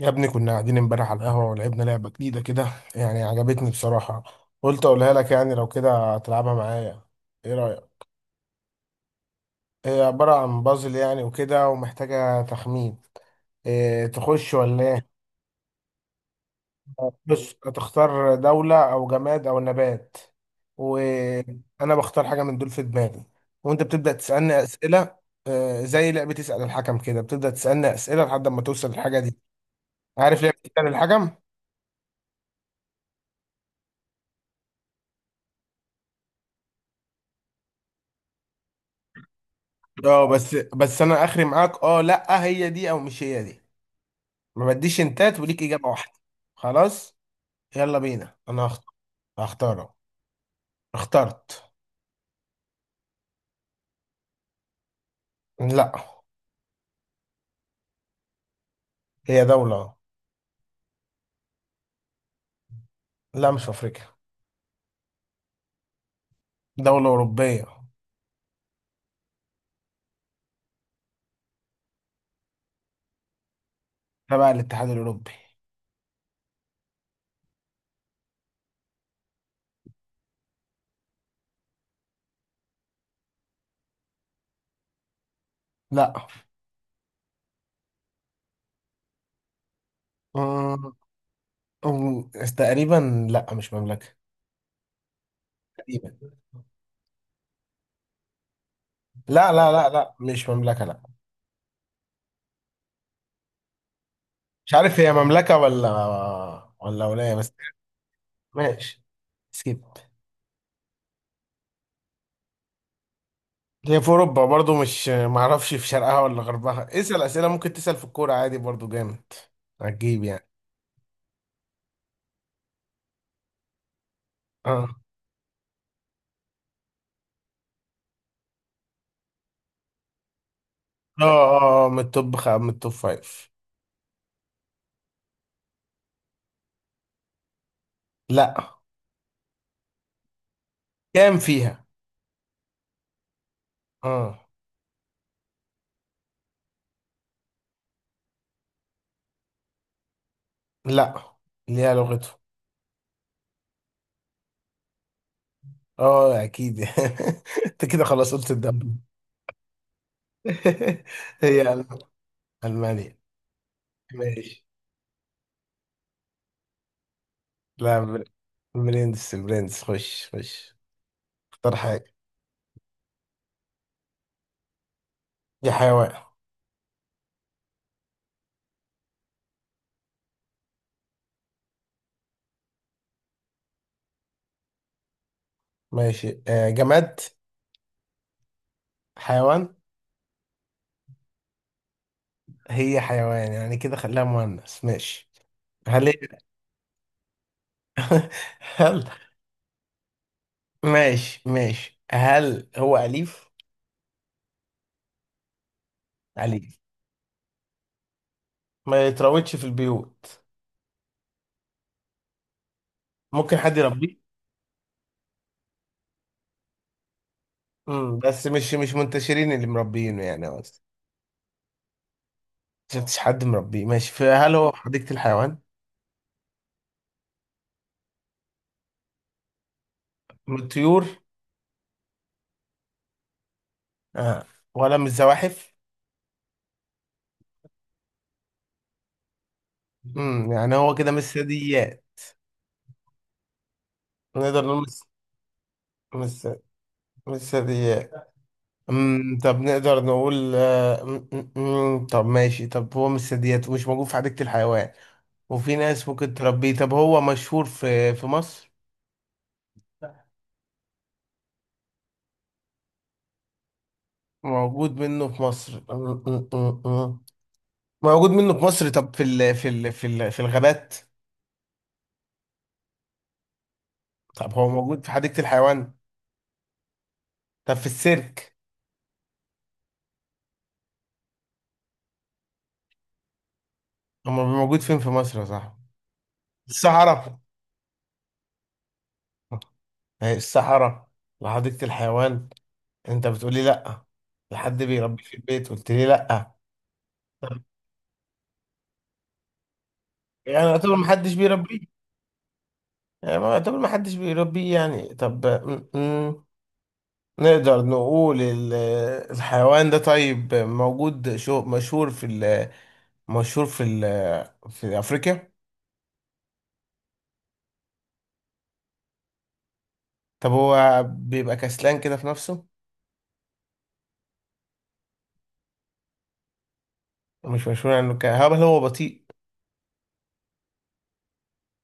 يا ابني، كنا قاعدين امبارح على القهوة ولعبنا لعبة جديدة كده. يعني عجبتني بصراحة. قلت اقولها لك، يعني لو كده تلعبها معايا. ايه رأيك؟ هي عبارة عن بازل يعني وكده، ومحتاجة تخمين. إيه، تخش ولا ايه؟ بص، هتختار دولة او جماد او نبات، وانا بختار حاجة من دول في دماغي، وانت بتبدأ تسألني أسئلة. زي لعبة تسأل الحكم كده، بتبدأ تسألني أسئلة لحد ما توصل للحاجة دي. عارف لعبة تسأل الحكم؟ اه، بس انا اخري معاك. اه لا، هي دي او مش هي دي. ما بديش انتات، وليك اجابه واحده. خلاص. يلا بينا، انا هختاره. اخترت. لا. هي دوله. لا، مش في افريقيا. دوله اوروبيه. تبع الاتحاد الاوروبي. لا. أمم، أمم، تقريبا لا، مش مملكه. تقريبا. لا لا لا لا، مش مملكه، لا. مش عارف هي مملكه ولا، ولا ولايه بس. ماشي. سكيب. هي في اوروبا برضو، مش معرفش في شرقها ولا غربها. اسال اسئله، ممكن تسال في الكوره عادي برضو. جامد هتجيب يعني. اه اه اه، من من التوب فايف. لا. كام فيها؟ اه. لا، ليها لغته. اه اكيد انت كده خلاص قلت الدولة. هي المانيا. ماشي. لا بر- برنس برنس، خش خش. اختار حاجه. يا حيوان. ماشي. جماد. حيوان. هي حيوان يعني كده، خليها مؤنث. ماشي. هل. هل. ماشي ماشي، هل هو أليف؟ أليف. ما يتراودش في البيوت. ممكن حد يربيه. بس مش منتشرين اللي مربينه يعني، قصدي. ما شفتش حد مربيه. ماشي، فهل هو في حديقة الحيوان؟ من الطيور؟ آه. ولا من الزواحف؟ يعني هو كده مش ثدييات. نقدر نقول مش. مش مش ثدييات. طب نقدر نقول آه، أمم، أمم، طب ماشي. طب هو مش ثدييات ومش موجود في حديقة الحيوان، وفي ناس ممكن تربيه. طب هو مشهور في مصر؟ موجود منه في مصر. أمم، أمم، أمم. موجود منه في مصر. طب في الغابات؟ طب هو موجود في حديقة الحيوان؟ طب في السيرك؟ هو موجود فين في مصر يا صاحبي؟ الصحراء. ما هي الصحراء وحديقة الحيوان، انت بتقولي لا. لحد بيربيه في البيت قلت لي لا. يعني يعتبر محدش بيربيه. يعني، ما يعتبر محدش بيربيه يعني. طب نقدر نقول الحيوان ده، طيب موجود، شو مشهور في ال مشهور في أفريقيا؟ طب هو بيبقى كسلان كده في نفسه؟ مش مشهور عنه هل هو بطيء؟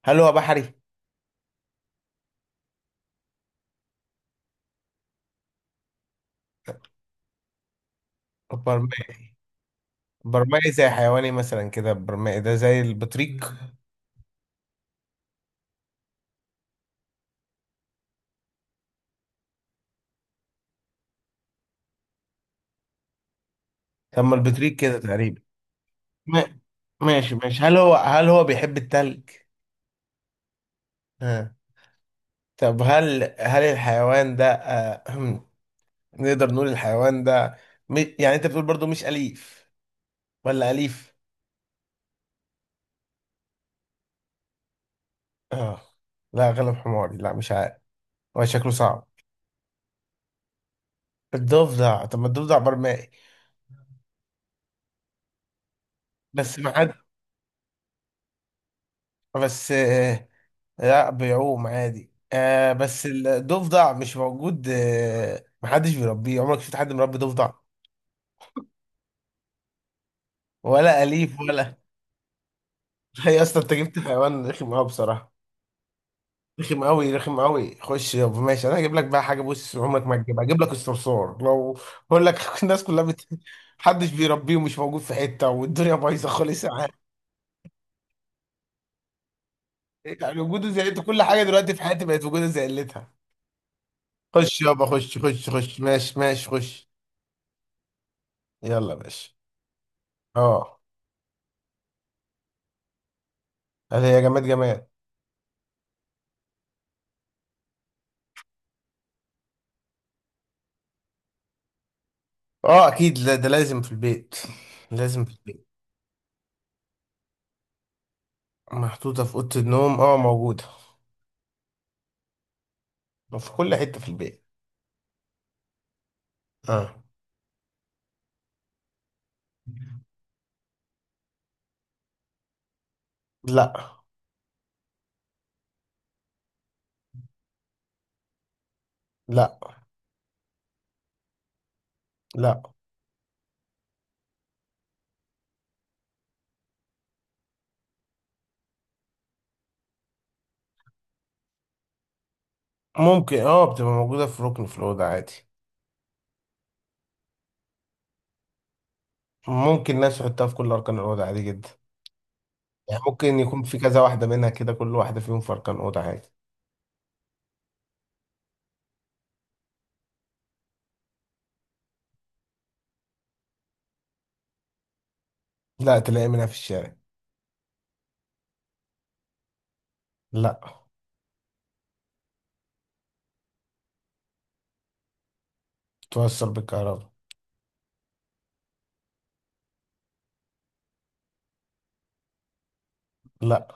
هل هو بحري؟ برمائي. برمائي زي حيواني مثلا كده، برمائي ده زي البطريق. طب ما البطريق كده تقريبا. ما- ماشي ماشي، هل هو بيحب التلج؟ ها. طب هل الحيوان ده، نقدر نقول الحيوان ده يعني انت بتقول برضو مش أليف، ولا أليف؟ اه. لا، غلب حماري، لا مش عارف. هو شكله صعب. الضفدع؟ طب ما الضفدع برمائي. بس ما حد بس آه، لا، بيعوم عادي. بس الضفدع مش موجود. ما حدش بيربيه. عمرك شفت حد مربي ضفدع؟ ولا أليف هي اصلا انت جبت حيوان رخم قوي بصراحة. رخم قوي، رخم قوي. خش يابا. ماشي، انا هجيب لك بقى حاجه، بص عمرك ما تجيبها. هجيب لك الصرصور لو بقول لك. الناس كلها محدش بيربيه ومش موجود في حته، والدنيا بايظه خالص. يعني وجوده زي انت. كل حاجه دلوقتي في حياتي بقت وجوده زي قلتها. خش يابا، خش خش خش. ماشي ماشي، خش. يلا يا باشا. اه. هل هي جماد؟ جماد. اه اكيد، لا ده لازم في البيت. لازم في البيت. محطوطه في اوضه النوم، موجوده. في كل حته في البيت. اه. لا لا لا. ممكن، بتبقى موجودة في ركن في الأوضة عادي. ممكن الناس تحطها في كل أركان الأوضة، عادي جدا. يعني ممكن يكون في كذا واحدة منها كده، كل واحدة فيهم في أركان أوضة، عادي. لا، تلاقي منها في الشارع. لا. توصل بالكهرباء. لا.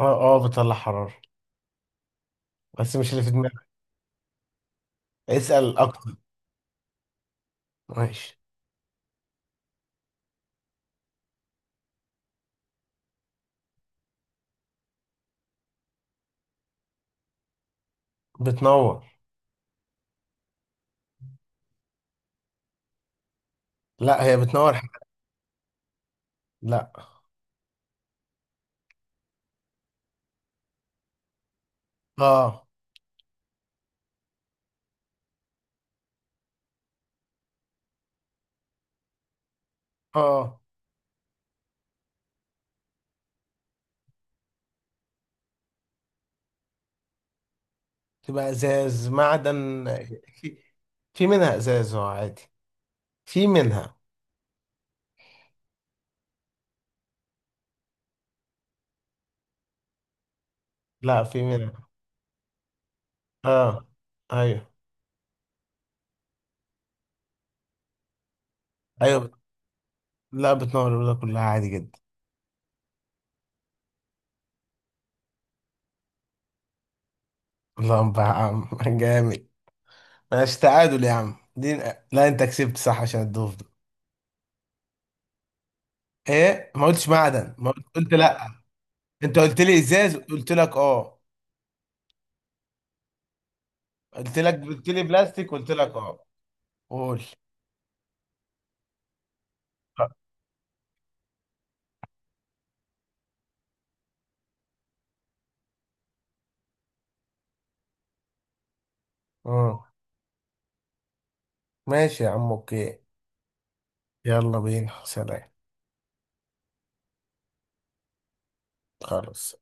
اه اه، بتطلع حرارة. بس مش اللي في دماغك. اسأل أكتر. ماشي. بتنور. لا، هي بتنور لا. اه. اه. تبقى إزاز معدن؟ في في منها إزاز، عادي. في منها. لا، في منها. اه. ايوه ايوه. لا، بتنور الأولى كلها عادي جدا. اللهم يا عم جامد. ماشي، تعادل يا عم دي. لا، أنت كسبت صح عشان الضيف ده. إيه، ما قلتش معدن. ما قلت لا. أنت قلت لي إزاز قلت لك أه. قلت لك قلت لي بلاستيك قلت لك أه. قول. آه. ماشي يا عم أوكي. يلا بينا سلام. خلاص.